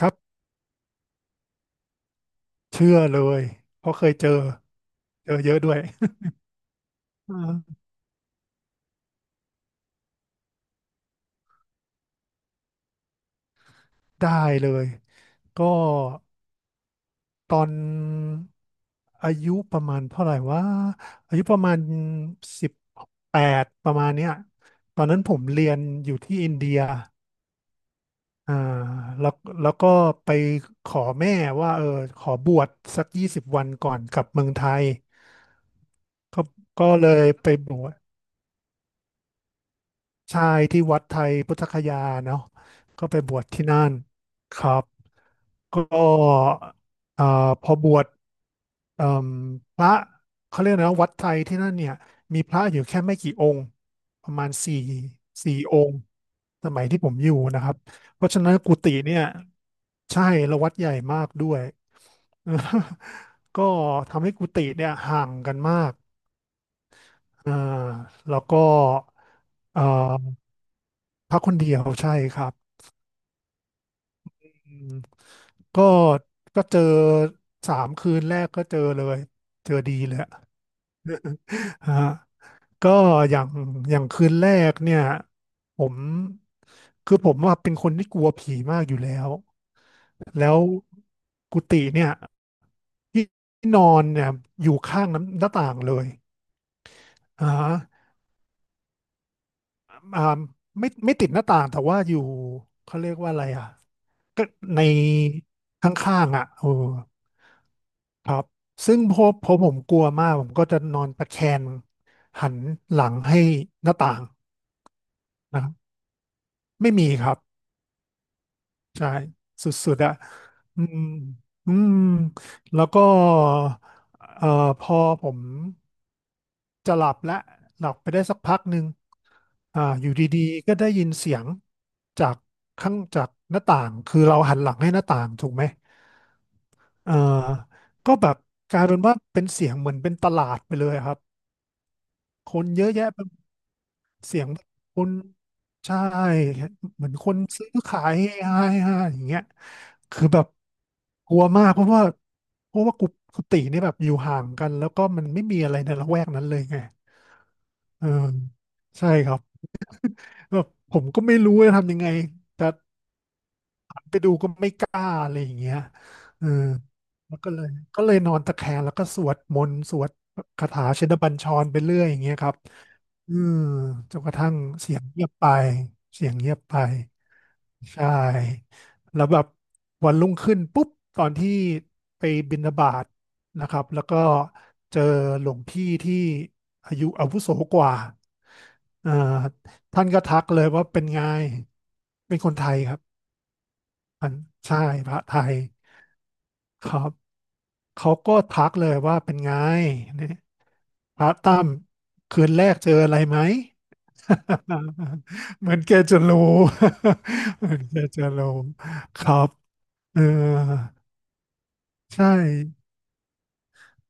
ครับเชื่อเลยเพราะเคยเจอเจอเยอะด้วย เออ ได้เลยก็ตอนอายุประมาณเท่าไหร่ว่าอายุประมาณ18ประมาณเนี้ยตอนนั้นผมเรียนอยู่ที่อินเดียอ่าแล้วแล้วก็ไปขอแม่ว่าขอบวชสัก20 วันก่อนกลับเมืองไทยก็ก็เลยไปบวชชายที่วัดไทยพุทธคยาเนาะก็ไปบวชที่นั่นครับ ก็อ่าพอบวชเอ่มพระเขาเรียกนะวัดไทยที่นั่นเนี่ยมีพระอยู่แค่ไม่กี่องค์ประมาณสี่องค์สมัยที่ผมอยู่นะครับเพราะฉะนั้นกุฏิเนี่ยใช่และวัดใหญ่มากด้วย ก็ทำให้กุฏิเนี่ยห่างกันมากอ่าแล้วก็เอ่อพระคนเดียวใช่ครับ อืมก็ก็เจอ3 คืนแรกก็เจอเลยเจอดีเลยอะฮะก็อย่างอย่างคืนแรกเนี่ยผมคือผมว่าเป็นคนที่กลัวผีมากอยู่แล้วแล้วกุฏิเนี่ยที่นอนเนี่ยอยู่ข้างน้ำหน้าต่างเลยอ่าอ่าไม่ติดหน้าต่างแต่ว่าอยู่เขาเรียกว่าอะไรอ่ะก็ในข้างๆอ่ะเออ ครับซึ่งพอผมกลัวมากผมก็จะนอนตะแคงหันหลังให้หน้าต่างนะครับไม่มีครับใช่สุดๆอะอืมอืมแล้วก็พอผมจะหลับและหลับไปได้สักพักหนึ่งอยู่ดีๆก็ได้ยินเสียงจากข้างจากหน้าต่างคือเราหันหลังให้หน้าต่างถูกไหมเอ่อก็แบบกลายเป็นว่าเป็นเสียงเหมือนเป็นตลาดไปเลยครับคนเยอะแยะ เสียงคนใช่เหมือนคนซื้อขายเฮฮาเฮฮาอย่างเงี้ยคือแบบกลัวมากเพราะว่ากุฏินี่แบบอยู่ห่างกันแล้วก็มันไม่มีอะไรในละแวกนั้นเลยไงเออใช่ครับ แบบผมก็ไม่รู้จะทำยังไง ไปดูก็ไม่กล้าอะไรอย่างเงี้ยเออแล้วก็เลยนอนตะแคงแล้วก็สวดมนต์สวดคาถาชินบัญชรไปเรื่อยอย่างเงี้ยครับอืมจนกระทั่งเสียงเงียบไปเสียงเงียบไปใช่แล้วแบบวันรุ่งขึ้นปุ๊บตอนที่ไปบิณฑบาตนะครับแล้วก็เจอหลวงพี่ที่อายุอาวุโสกว่าอ่าท่านก็ทักเลยว่าเป็นไง เป็นคนไทยครับ พันใช่พระไทยครับเขาก็ทักเลยว่าเป็นไงเนี่ยพระตั้มคืนแรกเจออะไรไหม เหมือนแกจะรู้ เหมือนแกจะรู้ครับเออใช่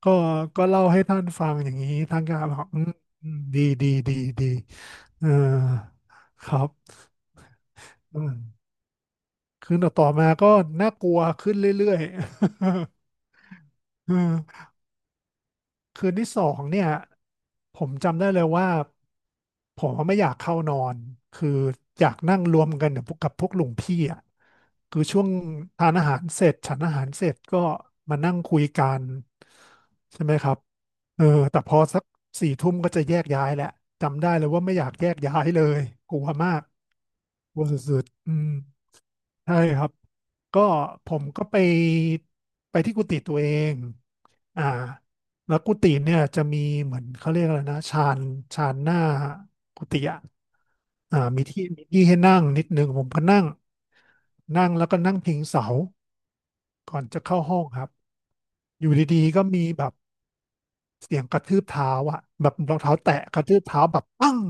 ก็ก็เล่าให้ท่านฟังอย่างนี้ท่านก็บอกอืมอืมดีดีดีดีเออครับอืมคืนต่อๆมาก็น่ากลัวขึ้นเรื่อยๆ เออ คืนที่สองเนี่ยผมจำได้เลยว่าผมไม่อยากเข้านอนคืออยากนั่งรวมกันกับพวกลุงพี่อ่ะคือช่วงทานอาหารเสร็จฉันอาหารเสร็จก็มานั่งคุยกันใช่ไหมครับเออแต่พอสักสี่ทุ่มก็จะแยกย้ายแหละจำได้เลยว่าไม่อยากแยกย้ายเลยกลัวมากอืม ใช่ครับ ก็ผมก็ไปที่กุฏิตัวเองอ่าแล้วกุฏิเนี่ยจะมีเหมือนเขาเรียกอะไรนะชานหน้ากุฏิอ่ะอ่ามีที่ให้นั่งนิดนึงผมก็นั่งนั่งแล้วก็นั่งพิงเสาก่อนจะเข้าห้องครับ อยู่ดีๆก็มีแบบ เสียงกระทืบเท้าอ่ะแบบรองเท้าแตะกระทืบเท้าแบบปั้ง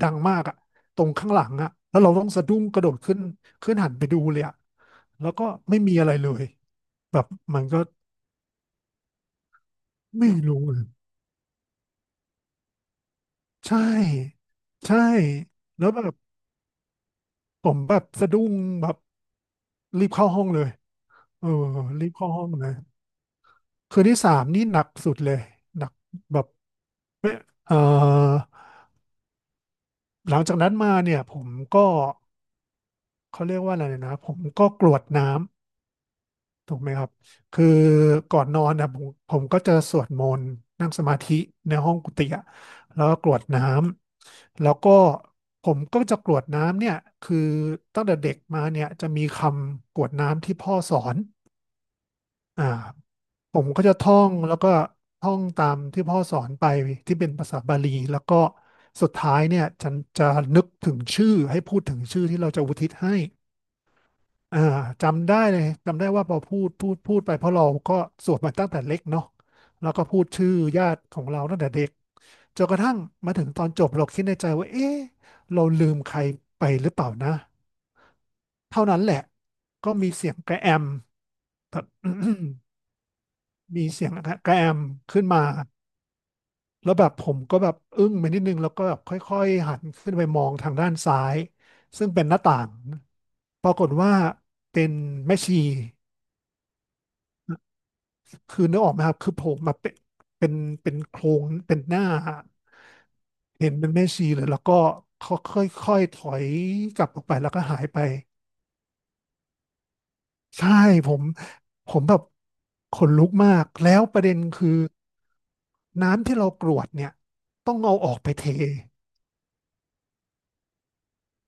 ดังมากอะตรงข้างหลังอะแล้วเราต้องสะดุ้งกระโดดขึ้นหันไปดูเลยอะแล้วก็ไม่มีอะไรเลยแบบมันก็ไม่รู้เลยใช่ใช่แล้วแบบผมแบบสะดุ้งแบบรีบเข้าห้องเลยเออรีบเข้าห้องเลยคืนที่สามนี่หนักสุดเลยหนักแบบไม่เออหลังจากนั้นมาเนี่ยผมก็เขาเรียกว่าอะไรนะผมก็กรวดน้ำ ถูกไหมครับคือก่อนนอนนะผมก็จะสวดมนต์นั่งสมาธิในห้องกุฏิอะแล้วก็กรวดน้ำแล้วก็ผมก็จะกรวดน้ำเนี่ยคือตั้งแต่เด็กมาเนี่ยจะมีคำกรวดน้ำที่พ่อสอนอ่าผมก็จะท่องแล้วก็ท่องตามที่พ่อสอนไปที่เป็นภาษาบาลีแล้วก็สุดท้ายเนี่ยจะนึกถึงชื่อให้พูดถึงชื่อที่เราจะอุทิศให้ อ่าจำได้เลยจำได้ว่าพอพูดไปเพราะเราก็สวดมาตั้งแต่เล็กเนาะแล้วก็พูดชื่อญาติของเราตั้งแต่เด็กจนกระทั่งมาถึงตอนจบเราคิดในใจว่าเอ๊ะเราลืมใครไปหรือเปล่านะเท่านั้นแหละก็มีเสียงกระแอม แบบ มีเสียงกระแอมขึ้นมาแล้วแบบผมก็แบบอึ้งไปนิดนึงแล้วก็แบบค่อยๆหันขึ้นไปมองทางด้านซ้ายซึ่งเป็นหน้าต่างปรากฏว่าเป็นแม่ชี คือนึกออกไหมครับคือโผล่มาเป็นเป็นโครงเป็นหน้าเห็นเป็นแม่ชีเลยแล้วก็เขาค่อยๆถอยกลับออกไปแล้วก็หายไปใช่ผมผมแบบขนลุกมากแล้วประเด็นคือน้ำที่เรากรวดเนี่ยต้องเอาออกไปเท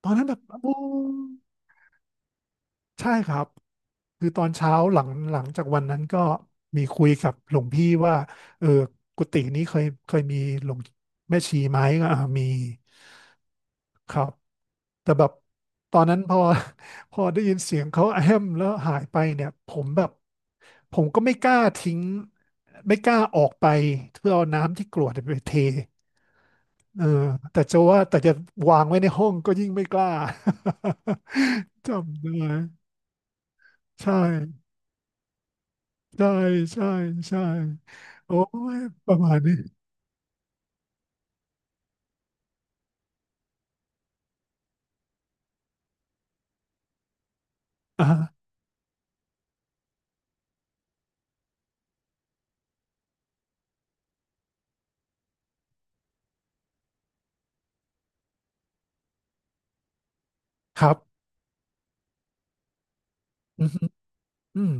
ตอนนั้นแบบโอ้ใช่ครับคือตอนเช้าหลังจากวันนั้นก็มีคุยกับหลวงพี่ว่าเออกุฏินี้เคยมีหลวงแม่ชีไหมก็มี ครับแต่แบบตอนนั้นพอ พอได้ยินเสียงเขาแอมแล้วหายไปเนี่ยผมแบบผมก็ไม่กล้าทิ้งไม่กล้าออกไปเพื่อเอาน้ำที่กรวดไปเทเออแต่จะว่าแต่จะวางไว้ในห้องก็ยิ่งไม่กล้า จำได้ใช่ใช่ใช่ใช่โอ้ยประมาณนี้อ่าครับอืมฮึอืม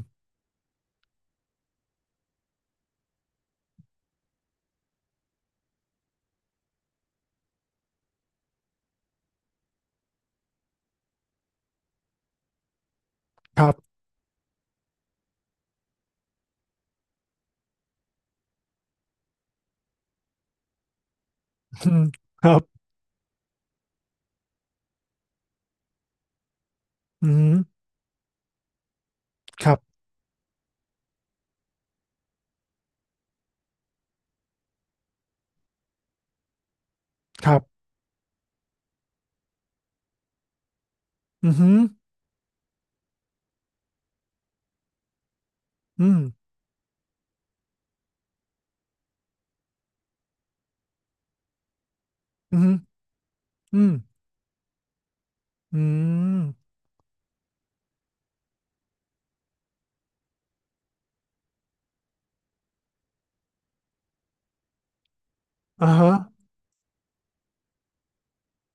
ครับอืมครับอืมครับครับอืมฮึอืมอืม อืมอืมอ่าฮะ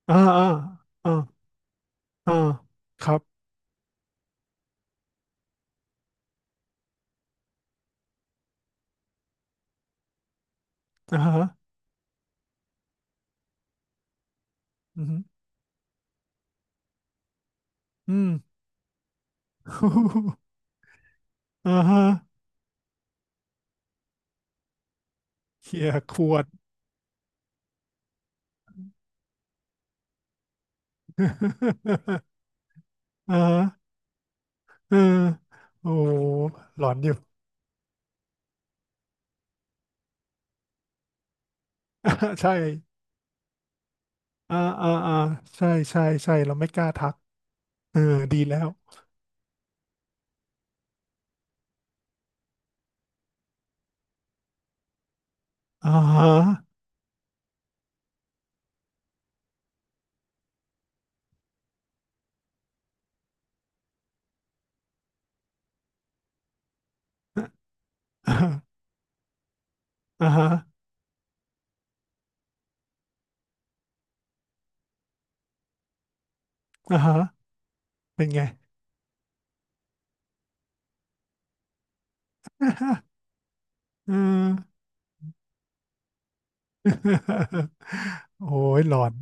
อ่าอ่าอ่าอ่าครับอ่าฮะอืมอืม อ่าฮะเขี่ยขวด อ่าฮะเออโอ้โหหลอนอยู่ ใช่อ่าอ่าใช่ใช่ใช่เราไม่กล้าทัก เออ ดีแล้วอ่าฮะ อ่าฮะอ่าฮะเป็นไง เออ โอ้ยหลอน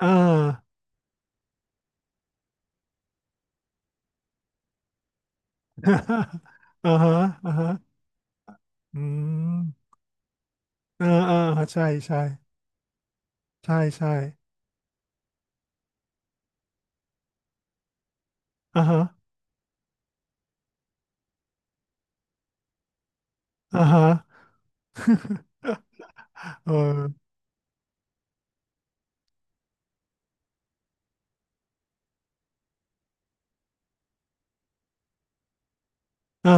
อ่า อ่าฮะอ่าฮะอืมอ่าใช่ใช่ใช่ใช่อ่าฮะอ่าฮะ เอออ่า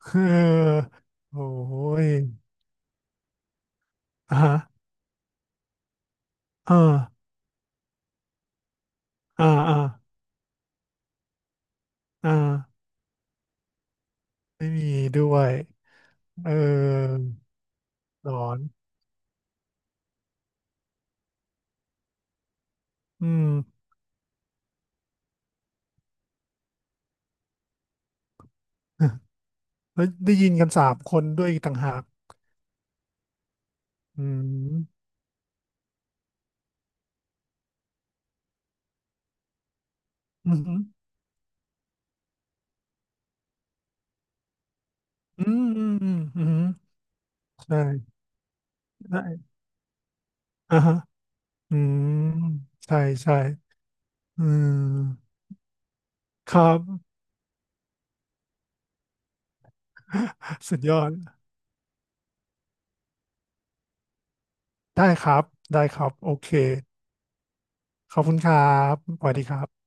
เออ โอ้ยอ่าฮะอ่าอ่าอ่าอ่าไม่มีด้วยเออหลอนอืม แล้วได้ยินกันสามคนด้วยอีกต่างหากอืมอืมออืมใช่ใช่อ่าฮะอืมใช่ใช่อืม ครับสุดยอดได้ครับได้ครับโอเคขอบคุณครับสวัสดีครับ